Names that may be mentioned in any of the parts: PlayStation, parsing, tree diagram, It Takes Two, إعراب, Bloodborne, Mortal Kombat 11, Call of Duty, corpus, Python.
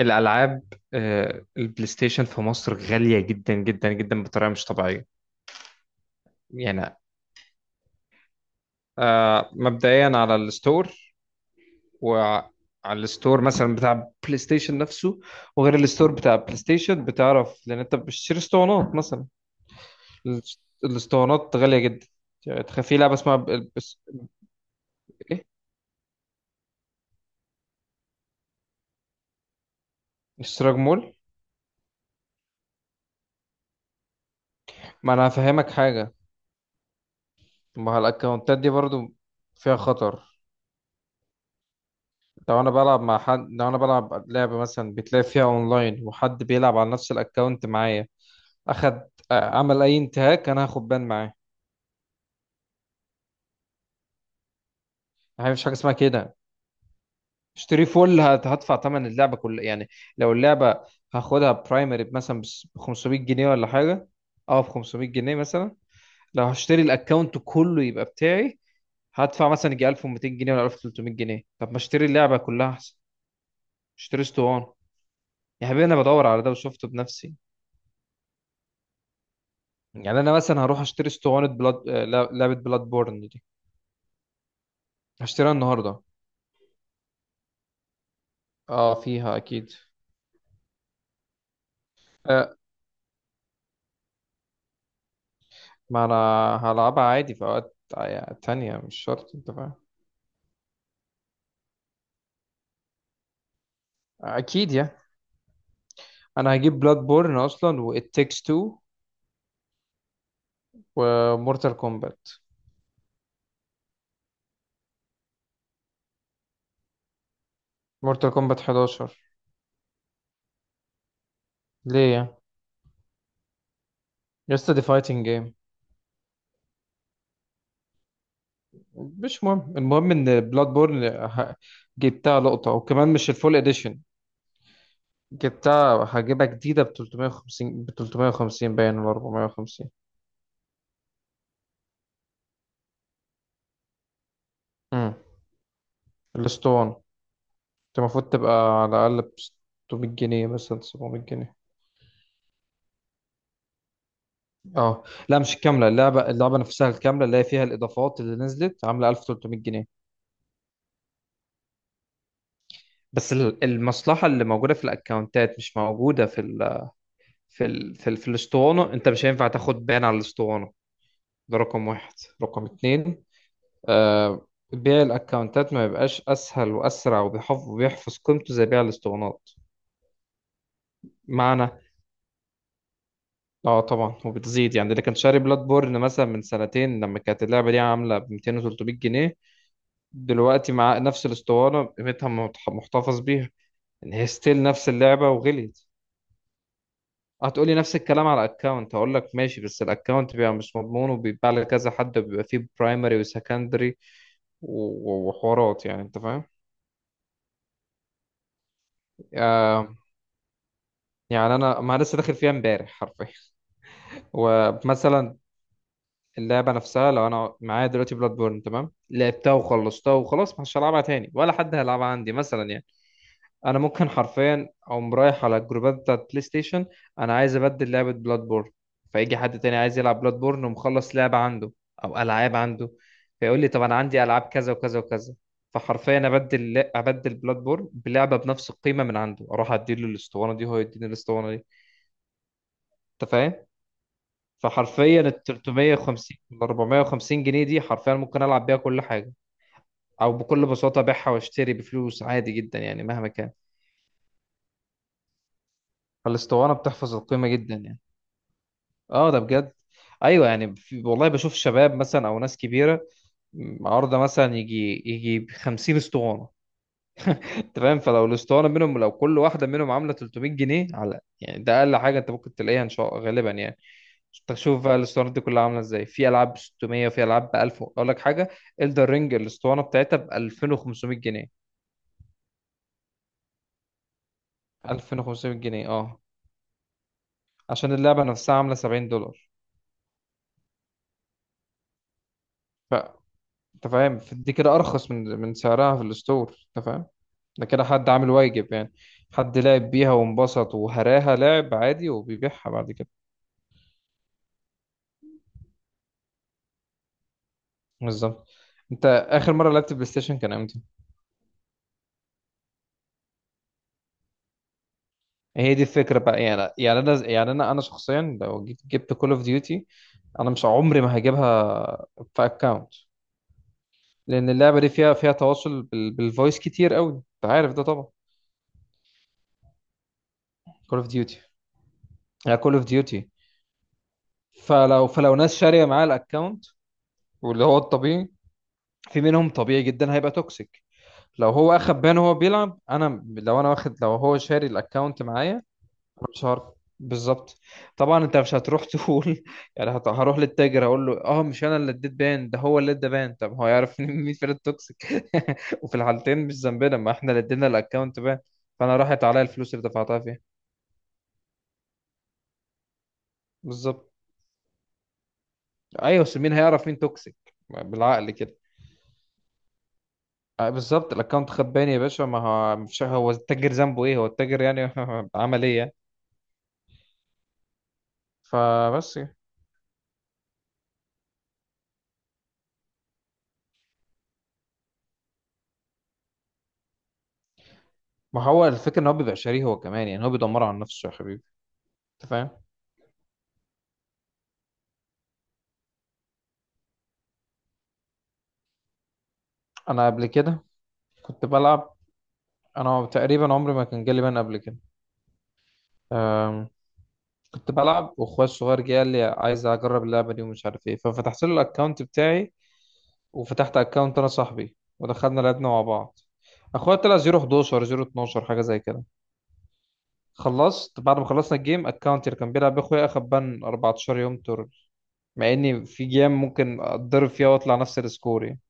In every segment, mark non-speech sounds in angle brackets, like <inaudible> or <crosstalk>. الألعاب. البلاي ستيشن في مصر غالية جدا جدا جدا بطريقة مش طبيعية. يعني مبدئيا على الستور، وعلى الستور مثلا بتاع بلاي ستيشن نفسه، وغير الستور بتاع بلاي ستيشن بتعرف لأن أنت بتشتري اسطوانات مثلا. الاسطوانات غالية جدا، يعني تخيل في لعبة اسمها ب- ال- بس- إيه اشتراك مول. ما أنا هفهمك حاجة، ما هو الأكونتات دي برضو فيها خطر. لو انا بلعب مع حد، لو انا بلعب لعبة مثلا بتلاقي فيها اونلاين وحد بيلعب على نفس الاكونت معايا، اخد عمل اي انتهاك، انا هاخد بان معاه. ما فيش حاجة اسمها كده. اشتري فول، هدفع ثمن اللعبة كلها يعني. لو اللعبة هاخدها برايمري مثلا ب 500 جنيه ولا حاجة، اه ب 500 جنيه مثلا، لو هشتري الاكونت كله يبقى بتاعي هدفع مثلا يجي 1200 جنيه ولا 1300 جنيه. طب ما اشتري اللعبة كلها احسن، اشتري اسطوانة. يا حبيبي انا بدور على ده وشفته بنفسي. يعني انا مثلا هروح اشتري اسطوانه بلاد لعبه بلاد بورن دي، هشتريها النهارده. اه فيها اكيد. آه، ما انا هلعبها عادي في اوقات تانية، مش شرط، انت فاهم؟ اكيد يعني. انا هجيب بلاد بورن اصلا و It Takes Two ومورتال كومبات، مورتال كومبات 11. ليه يعني؟ لسه دي فايتنج جيم. مش مهم، المهم ان بلاد بورن ه- جبتها لقطة وكمان مش الفول اديشن، جبتها هجيبها جديدة ب 350، ب 350 باين ولا 450. الاسطوانة انت المفروض تبقى على الأقل ب 600 جنيه مثلا، 700 جنيه. اه، لا مش الكاملة، اللعبة اللعبة نفسها الكاملة اللي هي فيها الإضافات اللي نزلت عاملة 1300 جنيه. بس المصلحة اللي موجودة في الأكونتات مش موجودة في ال في الأسطوانة، أنت مش هينفع تاخد بان على الأسطوانة. ده رقم واحد. رقم اتنين، آه بيع الأكونتات ما يبقاش أسهل وأسرع وبيحفظ قيمته زي بيع الأسطوانات. معنى، اه طبعا وبتزيد يعني. اللي كان شاري بلاد بورن مثلا من سنتين لما كانت اللعبه دي عامله ب 200 و 300 جنيه، دلوقتي مع نفس الاسطوانه قيمتها محتفظ بيها، ان هي ستيل نفس اللعبه وغليت. هتقولي نفس الكلام على الاكونت، هقول لك ماشي بس الاكونت بيبقى مش مضمون، وبيتباع لكذا حد، وبيبقى فيه برايمري وسكندري وحوارات، يعني انت فاهم. آه يعني انا، ما أنا لسه داخل فيها امبارح حرفيا. ومثلا اللعبة نفسها، لو أنا معايا دلوقتي بلاد بورن تمام، لعبتها وخلصتها وخلاص، مش هلعبها تاني، ولا حد هيلعبها عندي مثلا يعني. أنا ممكن حرفيا أقوم رايح على الجروبات بتاعت بلاي ستيشن: أنا عايز أبدل لعبة بلاد بورن. فيجي حد تاني عايز يلعب بلاد بورن ومخلص لعبة عنده أو ألعاب عنده، فيقول لي طب أنا عندي ألعاب كذا وكذا وكذا، فحرفيا أبدل بلاد بورن بلعبة بنفس القيمة من عنده، أروح أديله الأسطوانة دي وهو يديني الأسطوانة دي. أنت فاهم؟ فحرفيا ال 350 ولا 450 جنيه دي حرفيا ممكن العب بيها كل حاجه، او بكل بساطه ابيعها واشتري بفلوس عادي جدا يعني مهما كان. فالاسطوانه بتحفظ القيمه جدا يعني. اه ده بجد، ايوه يعني. في والله بشوف شباب مثلا او ناس كبيره عارضه مثلا يجي 50 اسطوانه. انت فاهم؟ فلو الاسطوانه منهم، لو كل واحده منهم عامله 300 جنيه على، يعني ده اقل حاجه انت ممكن تلاقيها ان شاء غالبا يعني. تشوف بقى الاسطوانات دي كلها عامله ازاي، في العاب ب 600 وفي العاب ب 1000. اقول لك حاجه، الدر رينج الاسطوانه بتاعتها ب 2500 جنيه. 2500 جنيه اه، عشان اللعبه نفسها عامله 70 دولار. فانت فاهم، دي كده ارخص من سعرها في الستور، انت فاهم. ده كده حد عامل واجب يعني، حد لعب بيها وانبسط وهراها لعب عادي وبيبيعها بعد كده. بالظبط. انت اخر مره لعبت بلاي ستيشن كان امتى؟ هي دي الفكره بقى يعني. يعني انا، يعني انا شخصيا لو جبت كول اوف ديوتي، انا مش عمري ما هجيبها في اكونت، لان اللعبه دي فيها تواصل بالفويس كتير قوي، انت عارف ده طبعا. كول اوف ديوتي، يعني كول اوف ديوتي، فلو ناس شاريه معاه الاكونت، واللي هو الطبيعي في منهم طبيعي جدا هيبقى توكسيك. لو هو اخد بان وهو بيلعب، انا لو انا واخد، لو هو شاري الاكونت معايا، مش عارف. بالظبط، طبعا انت مش هتروح تقول <laughs> يعني هروح للتاجر هقول له اه مش انا اللي اديت بان ده، هو اللي ادى بان. طب هو يعرف إن مين فين التوكسيك؟ <laughs> وفي الحالتين مش ذنبنا، ما احنا اللي ادينا الاكونت بان. فانا راحت عليا الفلوس اللي دفعتها فيها. بالظبط. ايوه، بس مين هيعرف مين توكسيك؟ بالعقل كده. بالظبط، الاكونت خد بان يا باشا، ما هو مش هو التاجر ذنبه ايه؟ هو التاجر يعني <laughs> عمل ايه يعني؟ فبس. ما هو الفكره ان هو بيبقى شاريه هو كمان يعني، هو بيدمر على نفسه يا حبيبي، انت فاهم. انا قبل كده كنت بلعب، انا تقريبا عمري ما كان جالي بان قبل كده. أم، كنت بلعب، واخويا الصغير جه قال لي عايز اجرب اللعبه دي ومش عارف ايه، ففتحت له الاكونت بتاعي، وفتحت اكونت انا صاحبي ودخلنا لعبنا مع بعض. اخويا طلع 011، 012 حاجه زي كده. خلصت بعد ما خلصنا الجيم، اكونت اللي كان بيلعب بيه اخويا اخد بان 14 يوم ترول، مع اني في جيم ممكن اتضرب فيها واطلع نفس السكور يعني.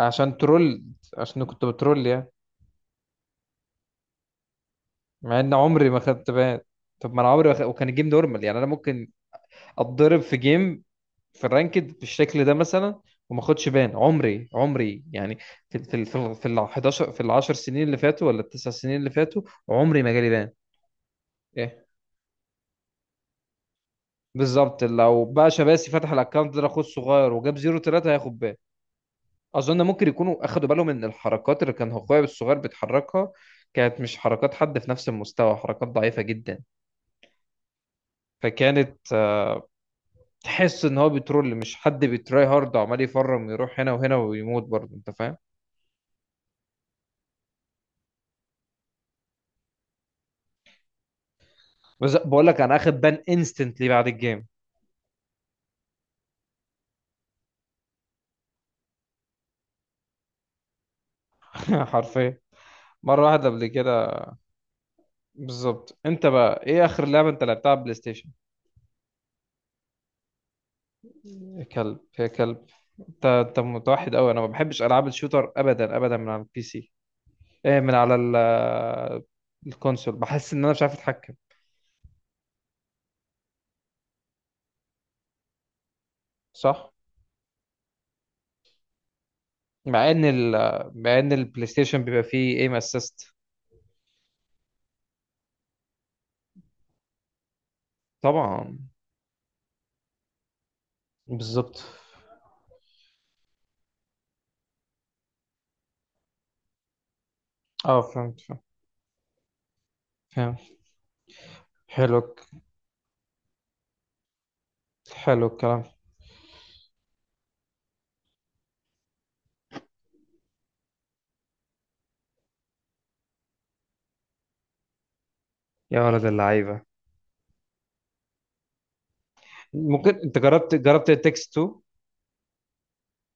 عشان ترول، عشان كنت بترول يعني، مع ان عمري ما خدت بان. طب ما انا عمري ما وكان الجيم نورمال يعني، انا ممكن اتضرب في جيم في الرانكد بالشكل ده مثلا وما اخدش بان، عمري يعني. في في ال 11، في ال 10 سنين اللي فاتوا ولا التسع سنين اللي فاتوا، عمري ما جالي بان. ايه؟ بالظبط، لو بقى شباسي فتح الاكونت ده اخوه الصغير وجاب 0 3 هياخد بان. اظن ممكن يكونوا اخدوا بالهم ان الحركات اللي كان اخويا الصغير بيتحركها كانت مش حركات حد في نفس المستوى، حركات ضعيفة جدا، فكانت تحس ان هو بيترول مش حد بيتراي هارد وعمال يفرم يروح هنا وهنا ويموت برضه، انت فاهم. بس بقول لك انا اخد بان انستنتلي بعد الجيم. <laughs> حرفيا مره واحده قبل كده. بالظبط. انت بقى ايه اخر لعبه انت لعبتها على البلاي ستيشن؟ يا كلب، يا كلب. انت متوحد قوي. انا ما بحبش العاب الشوتر ابدا ابدا. من على البي سي، ايه؟ الكونسول بحس ان انا مش عارف اتحكم. صح. مع ان مع ان البلاي ستيشن بيبقى فيه ايم اسيست. طبعا، بالظبط. اه فهمت. فاهم، حلو، حلو الكلام. يا ولد اللعيبه، ممكن انت جربت التكست 2؟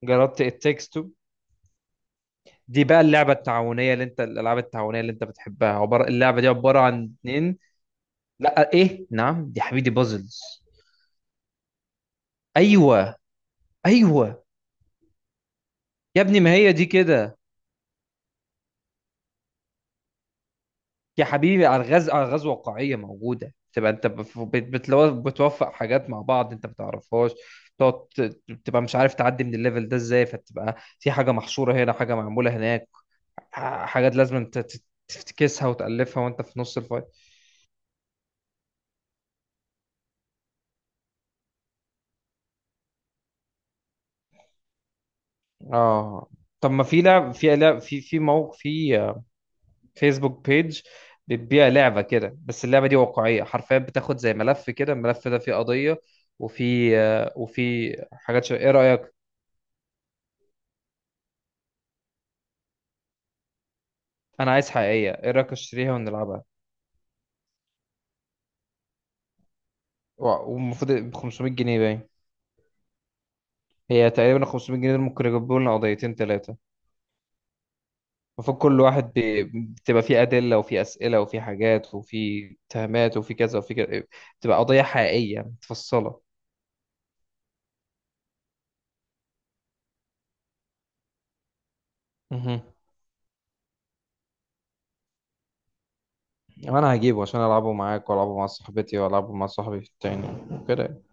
جربت التكست 2، دي بقى اللعبه التعاونيه اللي انت، الالعاب التعاونيه اللي انت بتحبها، عباره، اللعبه دي عباره عن اتنين. لا ايه نعم، دي حبيبي بازلز. ايوه. ايوه يا ابني، ما هي دي كده. يا حبيبي الغاز، الغاز واقعيه موجوده. تبقى انت بتوفق حاجات مع بعض انت ما بتعرفهاش، تقعد تبقى مش عارف تعدي من الليفل ده ازاي، فتبقى في حاجه محصوره هنا، حاجه معموله هناك، حاجات لازم انت تفتكسها وتألفها وانت في نص الفايل. اه، طب ما في لعب، في موقع، في فيسبوك بيج بتبيع لعبة كده، بس اللعبة دي واقعية حرفيا، بتاخد زي ملف كده، الملف ده فيه قضية، وفي وفي حاجات شبه، ايه رأيك؟ انا عايز حقيقية، ايه رأيك اشتريها ونلعبها؟ والمفروض ب 500 جنيه باين، هي تقريبا 500 جنيه، دول ممكن يجيبوا لنا قضيتين ثلاثة. المفروض كل واحد بتبقى فيه أدلة وفيه أسئلة وفيه حاجات وفيه اتهامات وفيه كذا وفيه كذا، بتبقى قضية حقيقية متفصلة. مهم. وأنا هجيبه عشان ألعبه معاك وألعبه مع صاحبتي وألعبه مع صاحبي التاني كده.